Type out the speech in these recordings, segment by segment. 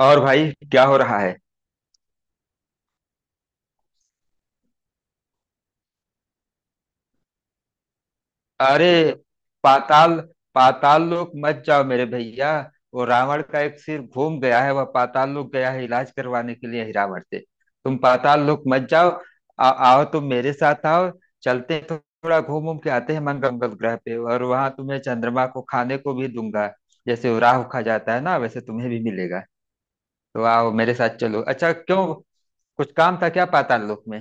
और भाई, क्या हो रहा है? अरे! पाताल पाताल लोक मत जाओ मेरे भैया। वो रावण का एक सिर घूम गया है, वह पाताल लोक गया है इलाज करवाने के लिए ही रावण से। तुम पाताल लोक मत जाओ। आओ, तुम मेरे साथ आओ। चलते हैं, थोड़ा घूम घूम के आते हैं मंगल ग्रह पे, और वहां तुम्हें चंद्रमा को खाने को भी दूंगा। जैसे वो राहु खा जाता है ना, वैसे तुम्हें भी मिलेगा। तो आओ मेरे साथ चलो। अच्छा, क्यों? कुछ काम था क्या पाताल लोक में?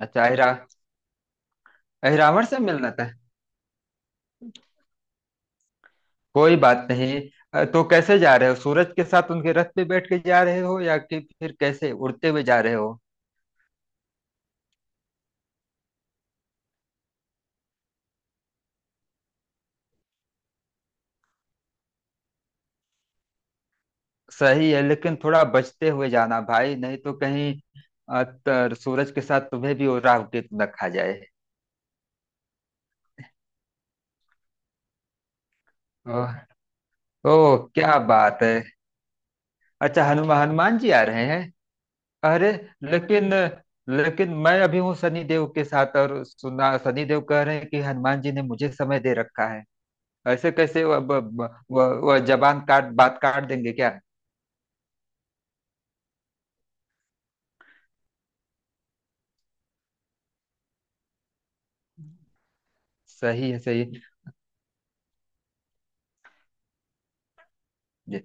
अच्छा, अहिरावण से मिलना था। कोई बात नहीं। तो कैसे जा रहे हो? सूरज के साथ उनके रथ पे बैठ के जा रहे हो, या कि फिर कैसे उड़ते हुए जा रहे हो? सही है, लेकिन थोड़ा बचते हुए जाना भाई, नहीं तो कहीं सूरज के साथ तुम्हें भी वो राहु केतु न खा जाए। ओह। ओह, क्या बात है! अच्छा, हनुमान हनुमान जी आ रहे हैं। अरे! लेकिन, मैं अभी हूँ शनिदेव के साथ, और सुना शनिदेव कह रहे हैं कि हनुमान जी ने मुझे समय दे रखा है। ऐसे कैसे? वह जबान काट बात काट देंगे क्या? सही है, सही है।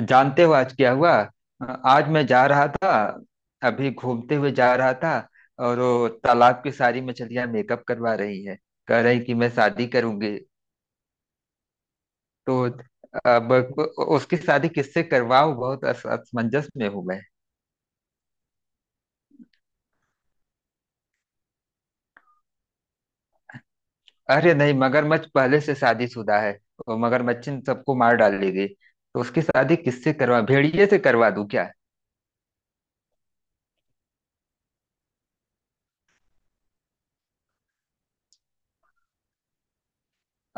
जानते हो आज क्या हुआ? आज मैं जा रहा था, अभी घूमते हुए जा रहा था। और वो तालाब की सारी मछलियां मेकअप करवा रही है, कह रही कि मैं शादी करूंगी। तो अब उसकी शादी किससे करवाऊं? बहुत असमंजस में हूं मैं। अरे नहीं, मगरमच्छ पहले से शादीशुदा है। और मगरमच्छ ने सबको मार डालेगी, तो उसकी शादी किससे करवा भेड़िए से करवा दूं क्या?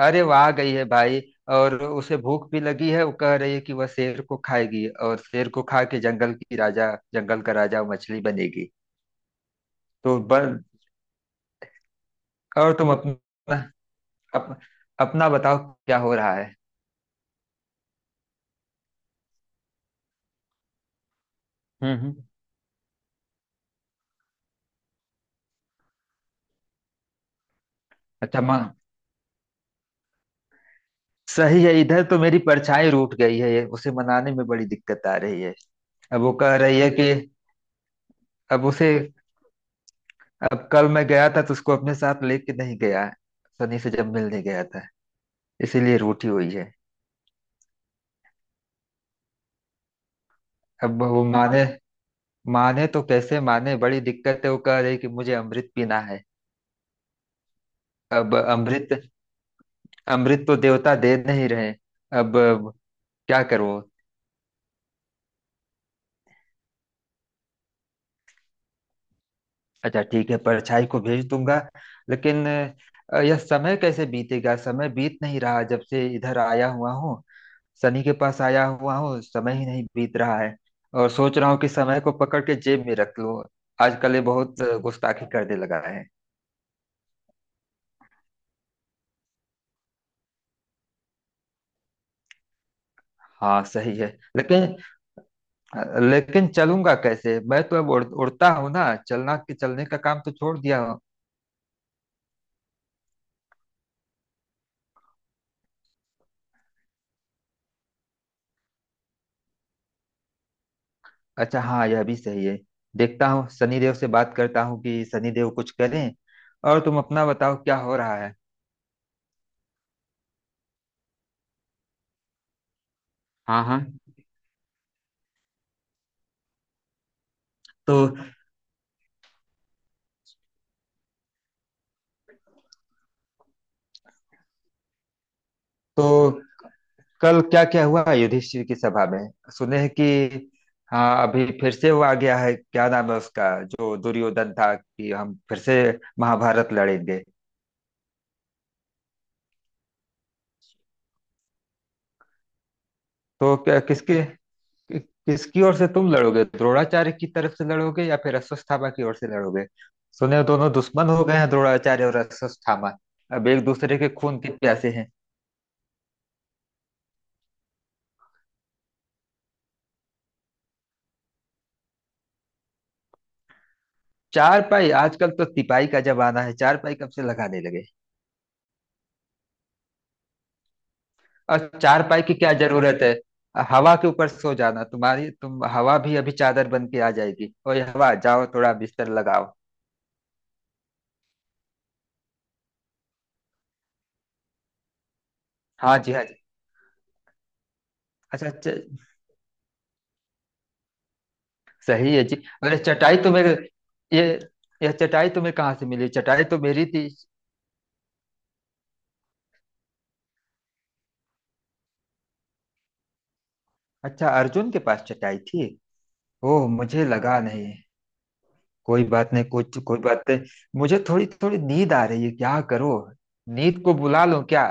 अरे वहां गई है भाई, और उसे भूख भी लगी है। वो कह रही है कि वह शेर को खाएगी, और शेर को खा के जंगल का राजा मछली बनेगी। तो बन। और तुम अपना, अप, अपना बताओ, क्या हो रहा है? हम्म, अच्छा माँ। सही है, इधर तो मेरी परछाई रूठ गई है, ये उसे मनाने में बड़ी दिक्कत आ रही है। अब वो कह रही है कि, अब उसे, अब कल मैं गया था तो उसको अपने साथ लेके नहीं गया। सनी से जब मिलने गया था, इसीलिए रूठी हुई है। अब वो माने, तो कैसे माने, बड़ी दिक्कत है। वो कह रही कि मुझे अमृत पीना है। अब अमृत, तो देवता दे नहीं रहे। अब क्या करो? अच्छा ठीक है, परछाई को भेज दूंगा। लेकिन यह समय कैसे बीतेगा? समय बीत नहीं रहा जब से इधर आया हुआ हूँ। सनी के पास आया हुआ हूँ, समय ही नहीं बीत रहा है। और सोच रहा हूँ कि समय को पकड़ के जेब में रख लूं। आजकल ये बहुत गुस्ताखी करने लगा है। हाँ सही है, लेकिन, चलूंगा कैसे? मैं तो अब उड़ता हूँ ना, चलना के चलने का काम तो छोड़ दिया हूँ। अच्छा हाँ, यह भी सही है। देखता हूँ, सनी देव से बात करता हूँ कि सनी देव कुछ करें। और तुम अपना बताओ, क्या हो रहा है? हाँ हाँ। तो तो कल क्या क्या हुआ युधिष्ठिर की सभा में? सुने हैं कि हाँ, अभी फिर से वो आ गया है, क्या नाम है उसका, जो दुर्योधन था, कि हम फिर से महाभारत लड़ेंगे। तो क्या, कि- किसकी ओर से तुम लड़ोगे? द्रोणाचार्य की तरफ से लड़ोगे, या फिर अश्वत्थामा की ओर से लड़ोगे? सुने, दोनों दुश्मन हो गए हैं, द्रोणाचार्य और अश्वत्थामा अब एक दूसरे के खून के प्यासे हैं। चार पाई? आजकल तो तिपाई का जमाना है, चार पाई कब से लगाने लगे? और चार पाई की क्या जरूरत है? हवा के ऊपर सो जाना। तुम, हवा भी अभी चादर बन के आ जाएगी। और ये हवा, जाओ थोड़ा बिस्तर लगाओ। हाँ जी, हाँ जी। अच्छा, सही है जी। अरे! चटाई तो मेरे ये यह चटाई तुम्हें कहाँ से मिली? चटाई तो मेरी थी। अच्छा, अर्जुन के पास चटाई थी। ओह, मुझे लगा नहीं। कोई बात नहीं, कुछ कोई बात नहीं। मुझे थोड़ी थोड़ी नींद आ रही है, क्या करो? नींद को बुला लूं क्या?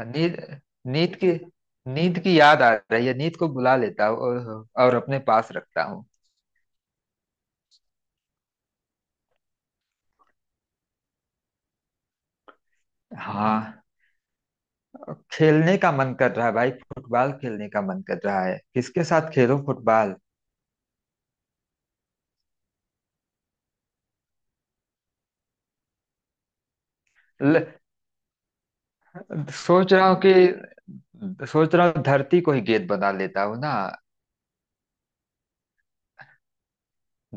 नींद नींद की नींद की याद आ रही है, नींद को बुला लेता हूँ और, अपने पास रखता हूँ। हाँ, खेलने का मन कर रहा है भाई, फुटबॉल खेलने का मन कर रहा है, किसके साथ खेलूं फुटबॉल? ल, सोच रहा हूँ कि, सोच रहा हूँ धरती को ही गेंद बना लेता हूँ ना।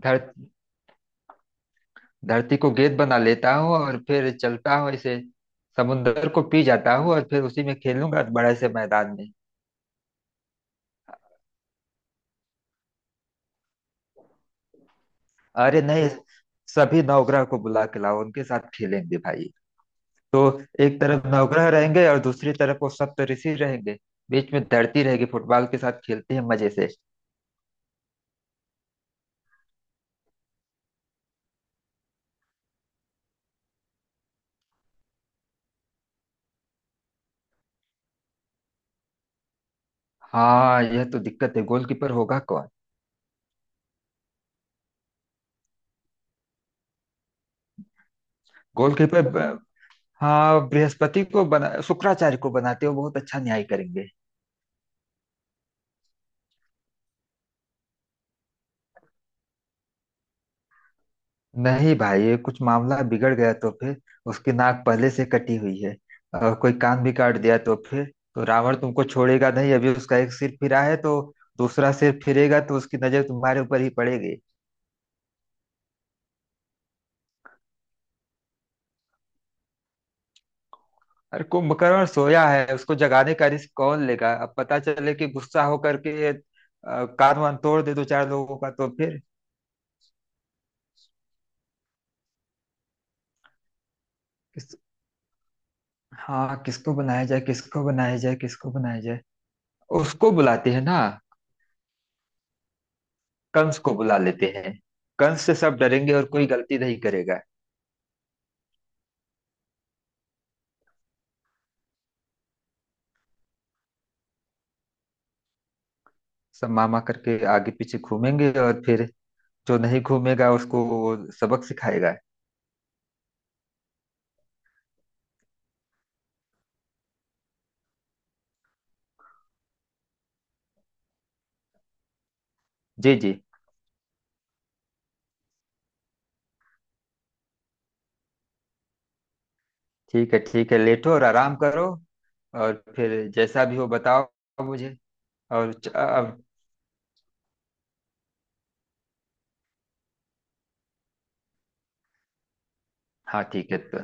धर, धरती को गेंद बना लेता हूँ और फिर चलता हूँ ऐसे। समुंदर को पी जाता हूँ और फिर उसी में खेलूंगा बड़े से मैदान में। अरे नहीं, सभी नवग्रह को बुला के लाओ, उनके साथ खेलेंगे भाई। तो एक तरफ नवग्रह रहेंगे और दूसरी तरफ वो सप्तऋषि रहेंगे, बीच में धरती रहेगी, फुटबॉल के साथ खेलते हैं मजे से। हाँ, यह तो दिक्कत है, गोलकीपर होगा कौन? गोलकीपर ब- हाँ, बृहस्पति को बना शुक्राचार्य को बनाते हो, बहुत अच्छा न्याय करेंगे। नहीं भाई, ये कुछ मामला बिगड़ गया तो फिर, उसकी नाक पहले से कटी हुई है, और कोई कान भी काट दिया तो फिर तो रावण तुमको छोड़ेगा नहीं। अभी उसका एक सिर फिरा है, तो दूसरा सिर फिरेगा तो उसकी नजर तुम्हारे ऊपर ही पड़ेगी। अरे कुंभकर्ण सोया है, उसको जगाने का रिस्क कौन लेगा? अब पता चले कि गुस्सा होकर के कान वान तोड़ दे, दो चार लोगों का, तो फिर? किस, हाँ, किसको बनाया जाए, किसको बनाया जाए, किसको बनाया जाए? उसको बुलाते हैं ना, कंस को बुला लेते हैं। कंस से सब डरेंगे और कोई गलती नहीं करेगा। सब मामा करके आगे पीछे घूमेंगे, और फिर जो नहीं घूमेगा उसको वो सबक सिखाएगा। जी जी। ठीक है, ठीक है, लेटो और आराम करो, और फिर जैसा भी हो बताओ मुझे। और अब, हाँ ठीक है, तो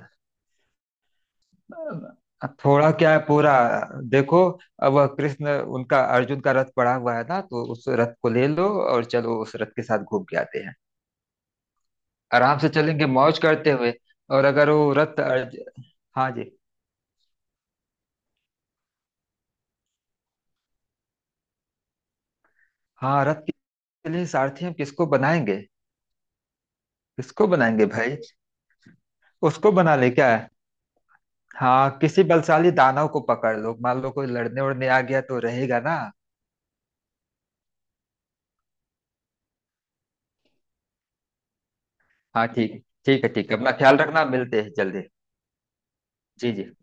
अब थोड़ा, क्या है पूरा, देखो, अब वह कृष्ण उनका अर्जुन का रथ पड़ा हुआ है ना, तो उस रथ को ले लो और चलो उस रथ के साथ घूम के आते हैं। आराम से चलेंगे मौज करते हुए। और अगर वो रथ हाँ जी। हाँ रथ के लिए सारथी हम किसको बनाएंगे? किसको बनाएंगे भाई, उसको बना ले, क्या है? हाँ, किसी बलशाली दानव को पकड़ लो, मान लो कोई लड़ने उड़ने आ गया तो रहेगा ना। हाँ ठीक है, ठीक है, ठीक है, अपना ख्याल रखना, मिलते हैं जल्दी। जी जी।